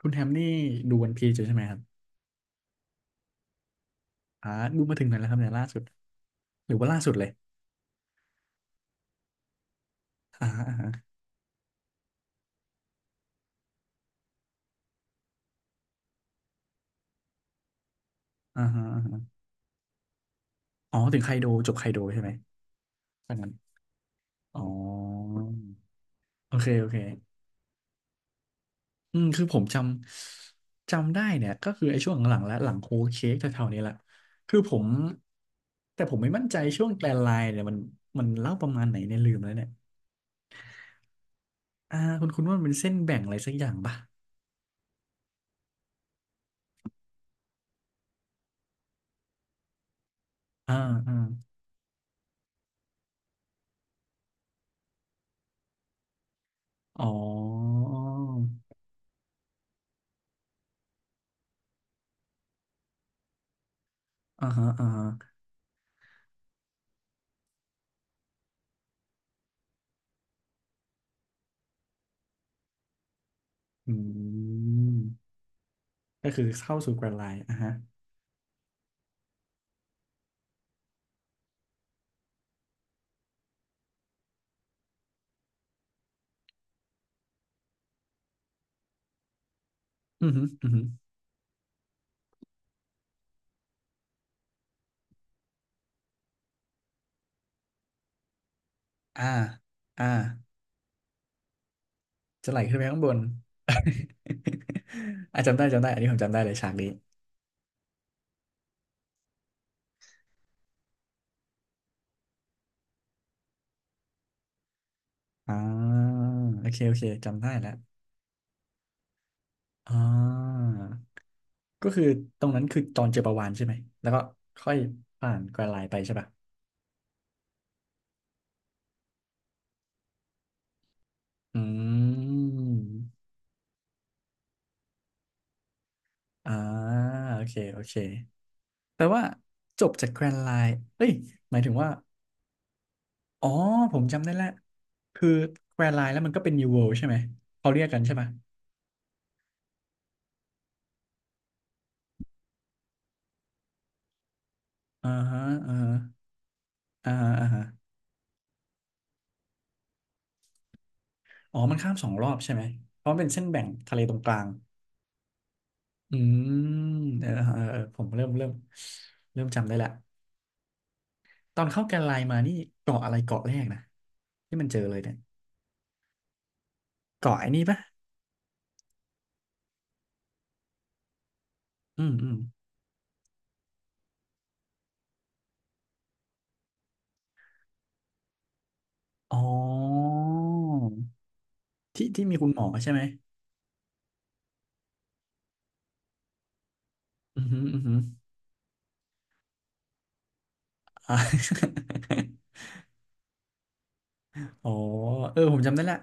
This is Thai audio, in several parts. คุณแฮมนี่ดูวันพีซอยู่ใช่ไหมครับอ่าดูมาถึงไหนแล้วครับเนี่ยล่าสุดหรือว่าล่าสุดเลยอ่าฮะอ่าฮะอ่าฮะอาฮะอ๋อถึงไคโดจบไคโดใช่ไหมตอนนั้นอ๋อโอเคโอเคอืมคือผมจำจำได้เนี่ยก็คือไอ้ช่วงหลังๆและหลังโฮลเค้กแถวๆนี้แหละคือผมแต่ผมไม่มั่นใจช่วงแกรนไลน์เนี่ยมันเล่าประมาณไหนเนี่ยลืมแล้วเนี่ยอ่าคุณคุณว่ามันเป็นเส้นแบ่งอะไรสักอย่างป่ะอ่าอ่าอ๋ออ่าฮะอ่าฮะอืม ก็คือเข้าสู่แกรนไลน์อ่ะฮะอือฮึอือฮึอ่าอ่าจะไหลขึ้นไปข้างบน อ่ะจำได้จำได้อันนี้ผมจำได้เลยฉากนี้อ่าโอเคโอเคจำได้แล้วอ่าก็คือตรงนั้นคือตอนเจอปลาวาฬใช่ไหมแล้วก็ค่อยผ่านแกรนไล์ไปใช่ป่ะอืมอ่าโอเคโอเคแปลว่าจบจากแกรนไลน์เอ้ยหมายถึงว่า อ๋อผมจำได้แล้วคือแควร์ไลน์แล้วมันก็เป็น New World ใช่ไหมเขาเรียกกันใช่ปะอ่าฮะอ่าฮะอ่าฮะอ่าฮะอ๋อมันข้ามสองรอบใช่ไหมเพราะมันเป็นเส้นแบ่งทะเลตรงกลางอืมเออเออเออผมเริ่มเริ่มจำได้ละตอนเข้าแกนไลน์มานี่เกาะอะไรเกาะแรกนะที่มันเจอเลยเนี่ยเกาะไอ้นี่ปะอืมอืมอ๋อที่ที่มีคุณหมอใช่ไหมอืมอหืมออือหืออ่า อ๋อเออผมจำได้ละ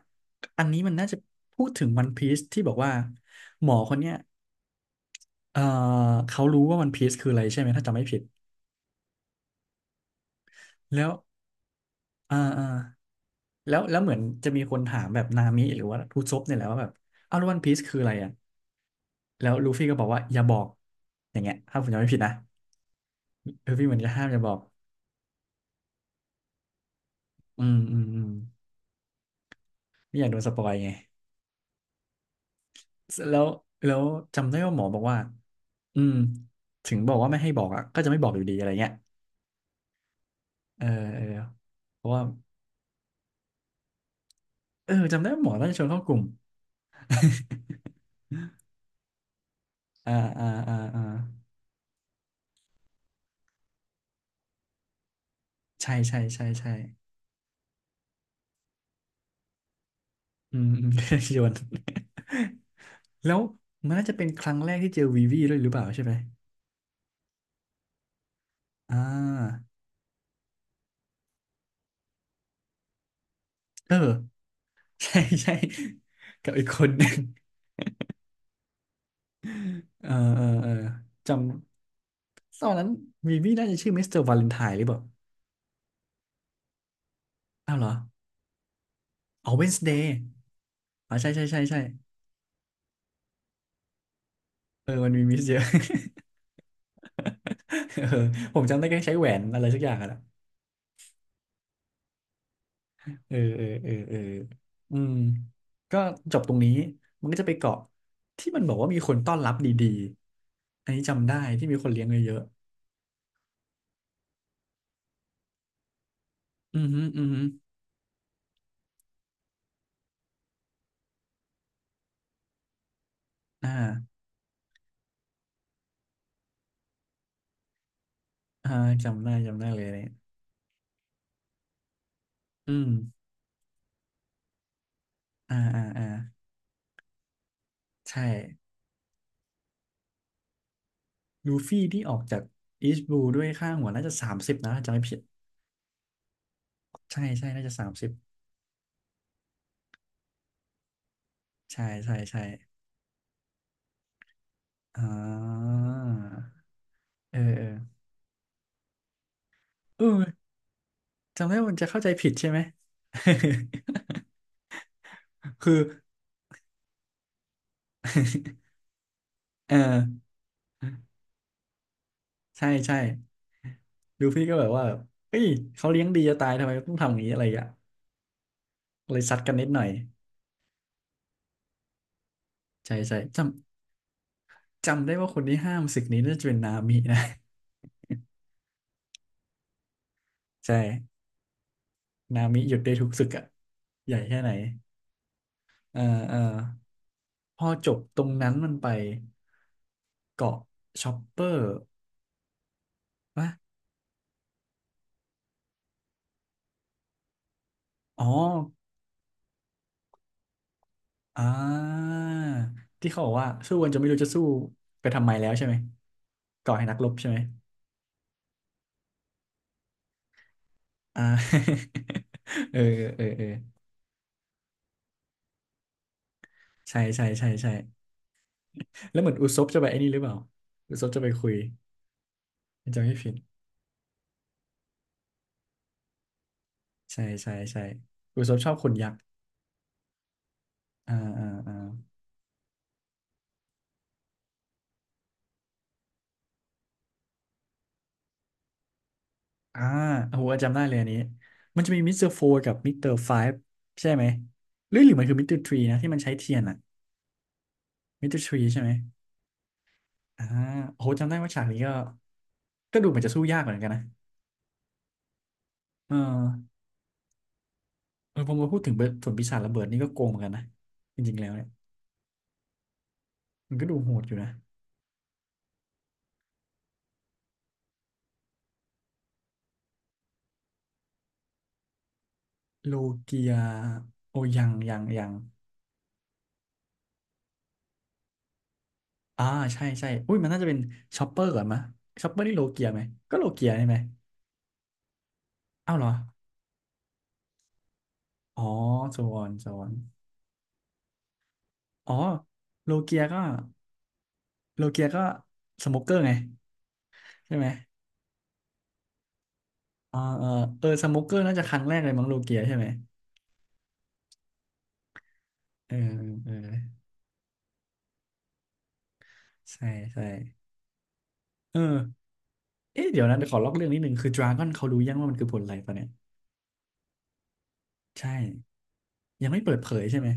อันนี้มันน่าจะพูดถึงวันพีซที่บอกว่าหมอคนเนี้ยเออเขารู้ว่าวันพีซคืออะไรใช่ไหมถ้าจำไม่ผิดแล้วอ่าอ่าแล้วแล้วเหมือนจะมีคนถามแบบนามิหรือว่าทูซบเนี่ยแหละว่าแบบอ้าวแล้ววันพีซคืออะไรอ่ะแล้วลูฟี่ก็บอกว่าอย่าบอกอย่างเงี้ยถ้าผมจำไม่ผิดนะลูฟี่เหมือนจะห้ามอย่าบอกอืมอืมอืมไม่อยากโดนสปอยไงแล้วแล้วจำได้ว่าหมอบอกว่าอืมถึงบอกว่าไม่ให้บอกอ่ะก็จะไม่บอกอยู่ดีอะไรเงี้ย เออเออเพราะว่าเออจำได้ว่าหมอน่าจะชวนเข้ากลุ่มอ่าอ่าอ่าอ่าใช่ใช่ใช่ใช่อืม อืม โยนแล้วมันน่าจะเป็นครั้งแรกที่เจอวีวีด้วยหรือเปล่าใช่ไหมอ่าเออใช่ใช่กับอีกคนหนึ่งเออเออเออจำตอนนั้นวีวีน่าจะชื่อมิสเตอร์วาเลนไทน์หรือเปล่าอ้าวเหรออ๋อเวนสเดย์อ๋อใช่ใช่ใช่ใช่เออมันมีมิสเยอะ เออผมจำได้แค่ใช้แหวนอะไรสักอย่างอะนะ เออเออเออเอออืม ก็จบตรงนี้ มันก็จะไปเกาะที่มันบอกว่ามีคนต้อนรับดีๆ อันนี้จำได้ที่มีคนเลี้ยงเยอะๆอืมฮึอืมฮึอ่า อ่าจำได้จำได้เลยเนี่ยอืม อ่าอ่าอ่าใช่ลูฟี่ที่ออกจากอีสต์บลูด้วยค่าหัวน่าจะสามสิบนะถ้าจำไม่ผิด ใช่ใช่น่าจะสามสิบใช่ใช่ใช่อ่า เออเออเออจำได้ว่ามันจะเข้าใจผิดใช่ไหม คือเออ ใช่ใช่ดูพี่ก็แบบว่าแบบเฮ้ยเขาเลี้ยงดีจะตายทำไมต้องทำอย่างนี้อะไรอย่างเงี้ยเลยซัดกันนิดหน่อยใช่ใช่จำจำได้ว่าคนที่ห้ามศึกนี้น่าจะเป็นนามินะ ใช่นามิหยุดได้ทุกศึกอะใหญ่แค่ไหนเออเออพอจบตรงนั้นมันไปเกาะชอปเปอร์วะอ๋ออ่าที่เขาบอกว่าสู้กันจนไม่รู้จะสู้ไปทำไมแล้วใช่ไหมก่อให้นักรบใช่ไหมอ่า เออเออเออ ใช่ใช่ใช่ใช่แล้วเหมือนอุซบจะไปไอ้นี่หรือเปล่าอุซบจะไปคุยจำไม่ผิดใช่ใช่ใช่อุซบชอบขนยักษ์อ่าอ่าอ่าอ่าโอ้โหจำได้เลยอันนี้มันจะมีมิสเตอร์โฟกับมิสเตอร์ไฟฟ์ใช่ไหมหรือหรือมันคือมิสเตอร์ทรีนะที่มันใช้เทียนอ่ะมิสเตอร์ทรีใช่ไหมอ่าโอ้โหจำได้ว่าฉากนี้ก็ก็ดูเหมือนจะสู้ยากเหมือนกันนะเออเออพอมาพูดถึงเบิร์ดส่วนปีศาจระเบิดนี่ก็โกงเหมือนกันนะจริงๆแล้วเนี่ยมันก็ดูโหดอยู่นะโลเกียโอยังยังยัง อ่าใช่ใช่อุ้ยมันน่าจะเป็นชอปเปอร์ก่อนมะชอปเปอร์นี่โลเกียไหมก็โลเกียใช่ไหมอ้าวเหรออ๋อโซนโซนอ๋อโลเกียก็โลเกียก็สโมกเกอร์ไงใช่ไหมอ่าเออเออสโมกเกอร์น่าจะครั้งแรกเลยมั้งโลเกียใช่ไหมเออเออใช่ใช่เออเอ๊ะเดี๋ยวนะเดี๋ยวขอลอกเรื่องนิดนึงคือดราก้อนเขารู้ยังว่ามันคือผลอะไรปะเนี่ยใช่ยังไม่เปิดเผยใช่ไหม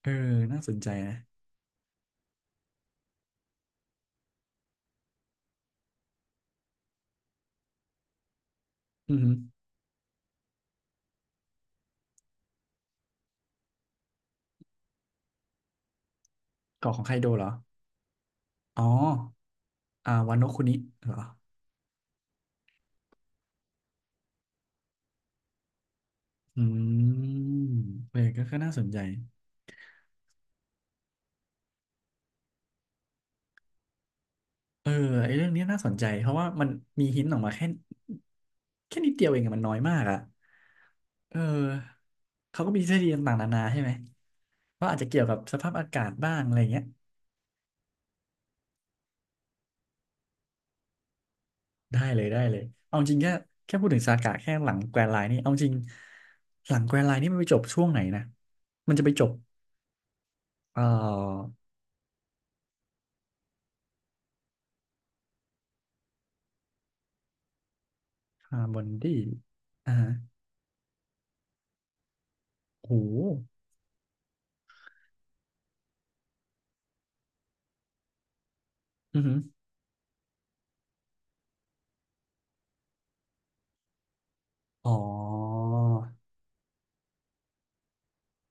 เออน่าสนใจนะอือหือเกาะของไคโดเหรออ๋ออ่าวานโนะคุนิเหรอ อืมเออก็ก็น่าสนใจ เออไอ้เรื่องนี้น่าสนใจ เพราะว่ามันมีหินออกมาแค่แค่นิดเดียวเองอะมันน้อยมากอะเออ เขาก็มีทฤษฎีต่างๆนานาใช่ไหมว่าอาจจะเกี่ยวกับสภาพอากาศบ้างอะไรเงี้ยได้เลยได้เลยเอาจริงแค่แค่พูดถึงสาพากะแค่หลังแกรนด์ไลน์นี่เอาจริงหลังแกรนด์ไลน์นี่มันไปจบช่วงไหนนะมันจะไปจบเอ่อคาร์บอนดี้อ่าฮะโหอือหืออ๋อ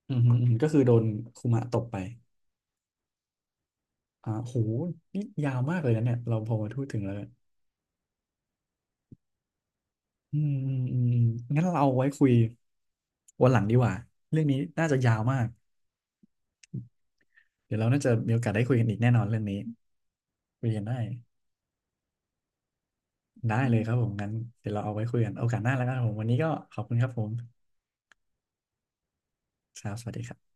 อืมอืมอืมก็คือโดนคุมะตบไปอ่าโหนี่ยาวมากเลยนะเนี่ยเราพอมาพูดถึงแล้วเนี่ยอืมอืมอืมงั้นเราเอาไว้คุยวันหลังดีกว่าเรื่องนี้น่าจะยาวมากเดี๋ยวเราน่าจะมีโอกาสได้คุยกันอีกแน่นอนเรื่องนี้คุยกันได้ได้เลยครับผมงั้นเดี๋ยวเราเอาไว้คุยกันโอกาสหน้าแล้วกันครับผมวันนี้ก็ขอบคุณครับผมครับสวัสดีครับ